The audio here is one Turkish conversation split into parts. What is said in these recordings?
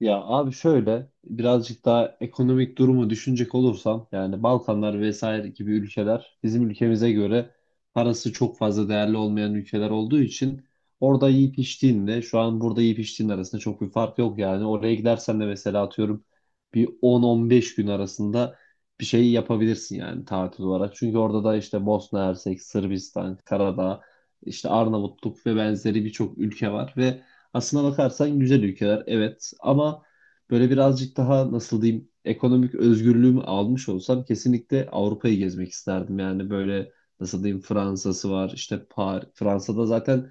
Ya abi şöyle birazcık daha ekonomik durumu düşünecek olursam yani Balkanlar vesaire gibi ülkeler bizim ülkemize göre parası çok fazla değerli olmayan ülkeler olduğu için orada yiyip içtiğinle şu an burada yiyip içtiğin arasında çok bir fark yok yani. Oraya gidersen de mesela atıyorum bir 10-15 gün arasında bir şey yapabilirsin yani tatil olarak. Çünkü orada da işte Bosna Hersek, Sırbistan, Karadağ, işte Arnavutluk ve benzeri birçok ülke var ve aslına bakarsan güzel ülkeler evet, ama böyle birazcık daha nasıl diyeyim ekonomik özgürlüğümü almış olsam kesinlikle Avrupa'yı gezmek isterdim. Yani böyle nasıl diyeyim Fransa'sı var, işte Fransa'da zaten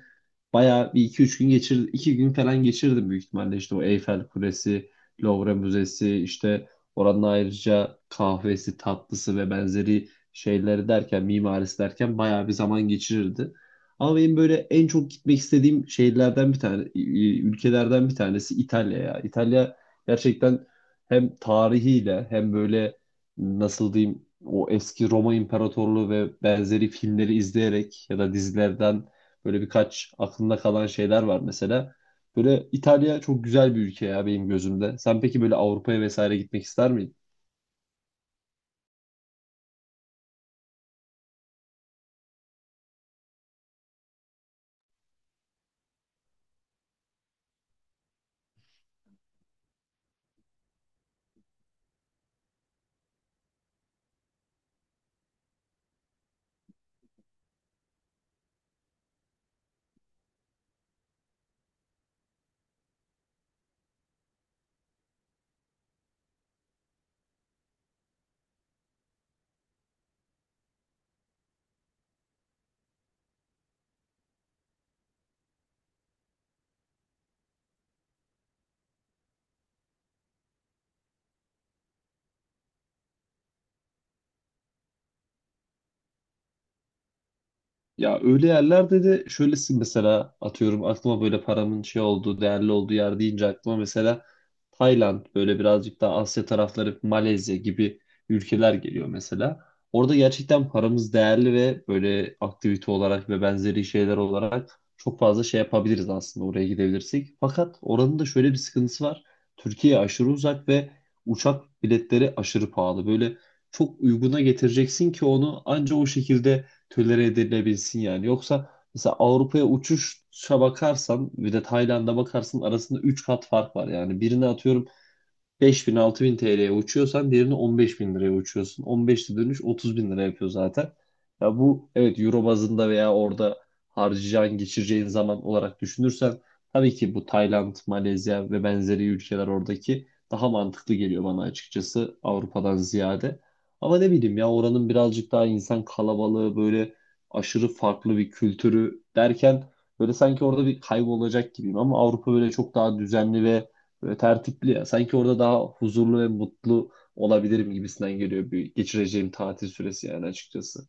bayağı bir iki üç gün geçir iki gün falan geçirdim büyük ihtimalle, işte o Eyfel Kulesi, Louvre Müzesi, işte oranın ayrıca kahvesi, tatlısı ve benzeri şeyleri derken mimarisi derken bayağı bir zaman geçirirdi. Ama benim böyle en çok gitmek istediğim şehirlerden bir tane, e, ülkelerden bir tanesi İtalya ya. İtalya gerçekten hem tarihiyle hem böyle nasıl diyeyim o eski Roma İmparatorluğu ve benzeri filmleri izleyerek ya da dizilerden böyle birkaç aklımda kalan şeyler var mesela. Böyle İtalya çok güzel bir ülke ya benim gözümde. Sen peki böyle Avrupa'ya vesaire gitmek ister miydin? Ya öyle yerlerde de şöylesin, mesela atıyorum aklıma böyle paramın şey olduğu, değerli olduğu yer deyince aklıma mesela Tayland, böyle birazcık daha Asya tarafları, Malezya gibi ülkeler geliyor mesela. Orada gerçekten paramız değerli ve böyle aktivite olarak ve benzeri şeyler olarak çok fazla şey yapabiliriz aslında oraya gidebilirsek. Fakat oranın da şöyle bir sıkıntısı var. Türkiye aşırı uzak ve uçak biletleri aşırı pahalı. Böyle çok uyguna getireceksin ki onu anca o şekilde tölere edilebilsin yani. Yoksa mesela Avrupa'ya uçuşa bakarsan bir de Tayland'a bakarsın, arasında 3 kat fark var. Yani birine atıyorum 5.000-6.000 TL'ye uçuyorsan diğerini 15.000 liraya uçuyorsun. 15'te dönüş 30.000 lira yapıyor zaten. Ya bu evet euro bazında veya orada harcayacağın, geçireceğin zaman olarak düşünürsen tabii ki bu Tayland, Malezya ve benzeri ülkeler oradaki daha mantıklı geliyor bana açıkçası Avrupa'dan ziyade. Ama ne bileyim ya oranın birazcık daha insan kalabalığı, böyle aşırı farklı bir kültürü derken böyle sanki orada bir kaybolacak gibiyim, ama Avrupa böyle çok daha düzenli ve böyle tertipli ya. Sanki orada daha huzurlu ve mutlu olabilirim gibisinden geliyor bir geçireceğim tatil süresi, yani açıkçası.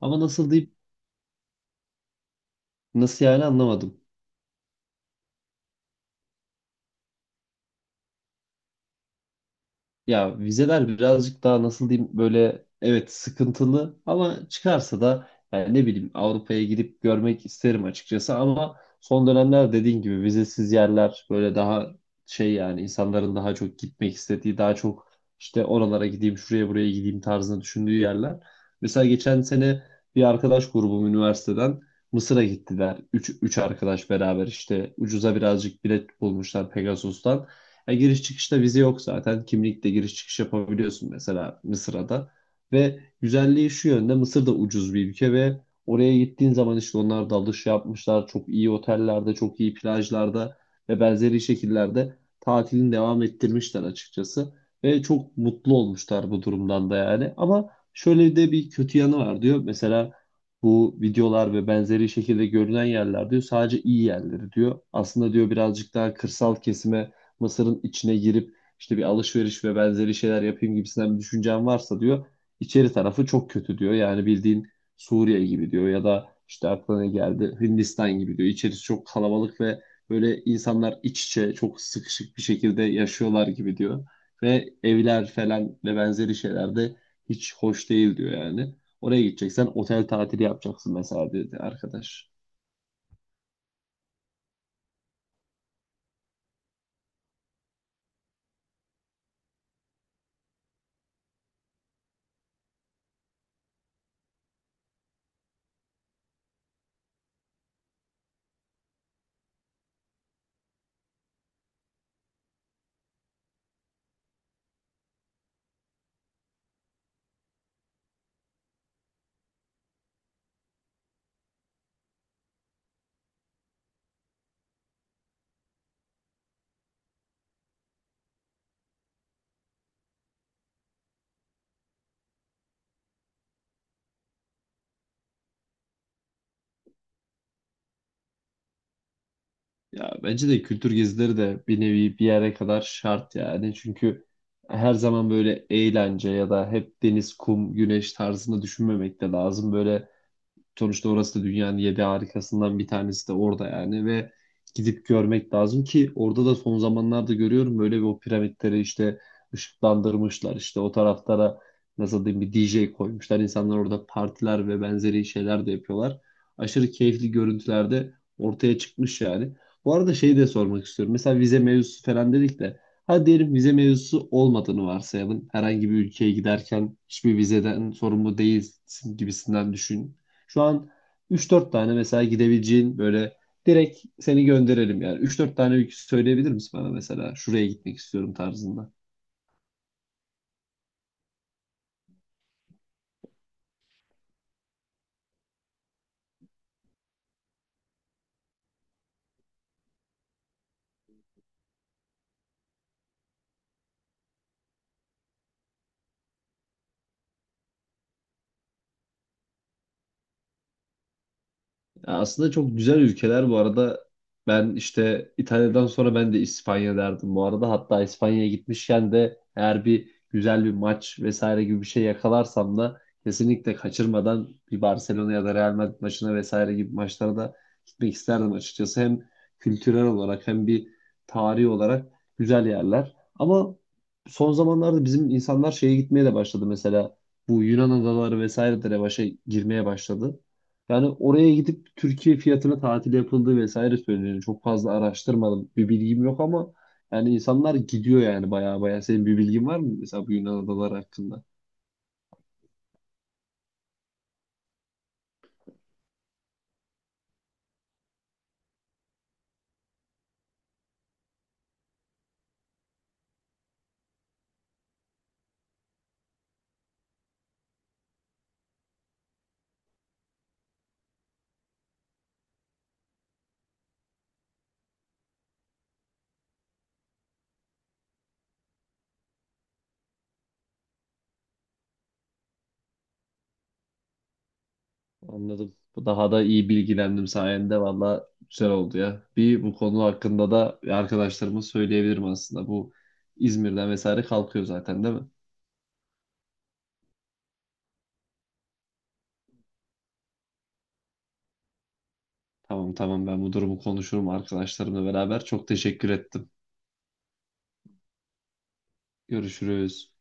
Ama nasıl deyip nasıl yani, anlamadım. Ya vizeler birazcık daha nasıl diyeyim böyle evet sıkıntılı, ama çıkarsa da yani ne bileyim Avrupa'ya gidip görmek isterim açıkçası, ama son dönemler dediğin gibi vizesiz yerler böyle daha şey yani insanların daha çok gitmek istediği, daha çok işte oralara gideyim şuraya buraya gideyim tarzında düşündüğü yerler. Mesela geçen sene bir arkadaş grubum üniversiteden Mısır'a gittiler. Üç arkadaş beraber işte ucuza birazcık bilet bulmuşlar Pegasus'tan. Ya giriş çıkışta vize yok zaten. Kimlikle giriş çıkış yapabiliyorsun mesela Mısır'a da. Ve güzelliği şu yönde, Mısır da ucuz bir ülke ve oraya gittiğin zaman işte onlar dalış yapmışlar. Çok iyi otellerde, çok iyi plajlarda ve benzeri şekillerde tatilini devam ettirmişler açıkçası. Ve çok mutlu olmuşlar bu durumdan da yani. Ama şöyle de bir kötü yanı var diyor. Mesela bu videolar ve benzeri şekilde görünen yerler diyor sadece iyi yerleri diyor. Aslında diyor birazcık daha kırsal kesime Mısır'ın içine girip işte bir alışveriş ve benzeri şeyler yapayım gibisinden bir düşüncen varsa diyor içeri tarafı çok kötü diyor. Yani bildiğin Suriye gibi diyor ya da işte aklına ne geldi Hindistan gibi diyor. İçerisi çok kalabalık ve böyle insanlar iç içe çok sıkışık bir şekilde yaşıyorlar gibi diyor. Ve evler falan ve benzeri şeyler de hiç hoş değil diyor yani. Oraya gideceksen otel tatili yapacaksın mesela, dedi arkadaş. Ya bence de kültür gezileri de bir nevi bir yere kadar şart yani. Çünkü her zaman böyle eğlence ya da hep deniz, kum, güneş tarzında düşünmemek de lazım. Böyle sonuçta orası da dünyanın yedi harikasından bir tanesi de orada yani ve gidip görmek lazım ki orada da son zamanlarda görüyorum böyle bir o piramitleri işte ışıklandırmışlar, işte o taraflara nasıl diyeyim bir DJ koymuşlar, insanlar orada partiler ve benzeri şeyler de yapıyorlar. Aşırı keyifli görüntülerde ortaya çıkmış yani. Bu arada şeyi de sormak istiyorum. Mesela vize mevzusu falan dedik de hadi diyelim vize mevzusu olmadığını varsayalım. Herhangi bir ülkeye giderken hiçbir vizeden sorumlu değilsin gibisinden düşün. Şu an 3-4 tane mesela gidebileceğin böyle direkt seni gönderelim yani. Üç dört tane ülke söyleyebilir misin bana mesela? Şuraya gitmek istiyorum tarzında. Ya aslında çok güzel ülkeler bu arada. Ben işte İtalya'dan sonra ben de İspanya derdim bu arada. Hatta İspanya'ya gitmişken de eğer bir güzel bir maç vesaire gibi bir şey yakalarsam da kesinlikle kaçırmadan bir Barcelona ya da Real Madrid maçına vesaire gibi maçlara da gitmek isterdim açıkçası. Hem kültürel olarak hem bir tarihi olarak güzel yerler. Ama son zamanlarda bizim insanlar şeye gitmeye de başladı mesela. Bu Yunan adaları vesaire de revaşa girmeye başladı. Yani oraya gidip Türkiye fiyatına tatil yapıldığı vesaire söyleniyor. Çok fazla araştırmadım. Bir bilgim yok, ama yani insanlar gidiyor yani baya baya. Senin bir bilgin var mı mesela bu Yunan adaları hakkında? Anladım. Daha da iyi bilgilendim sayende. Valla güzel oldu ya. Bir bu konu hakkında da arkadaşlarıma söyleyebilirim aslında. Bu İzmir'den vesaire kalkıyor zaten değil mi? Tamam tamam, ben bu durumu konuşurum arkadaşlarımla beraber. Çok teşekkür ettim. Görüşürüz.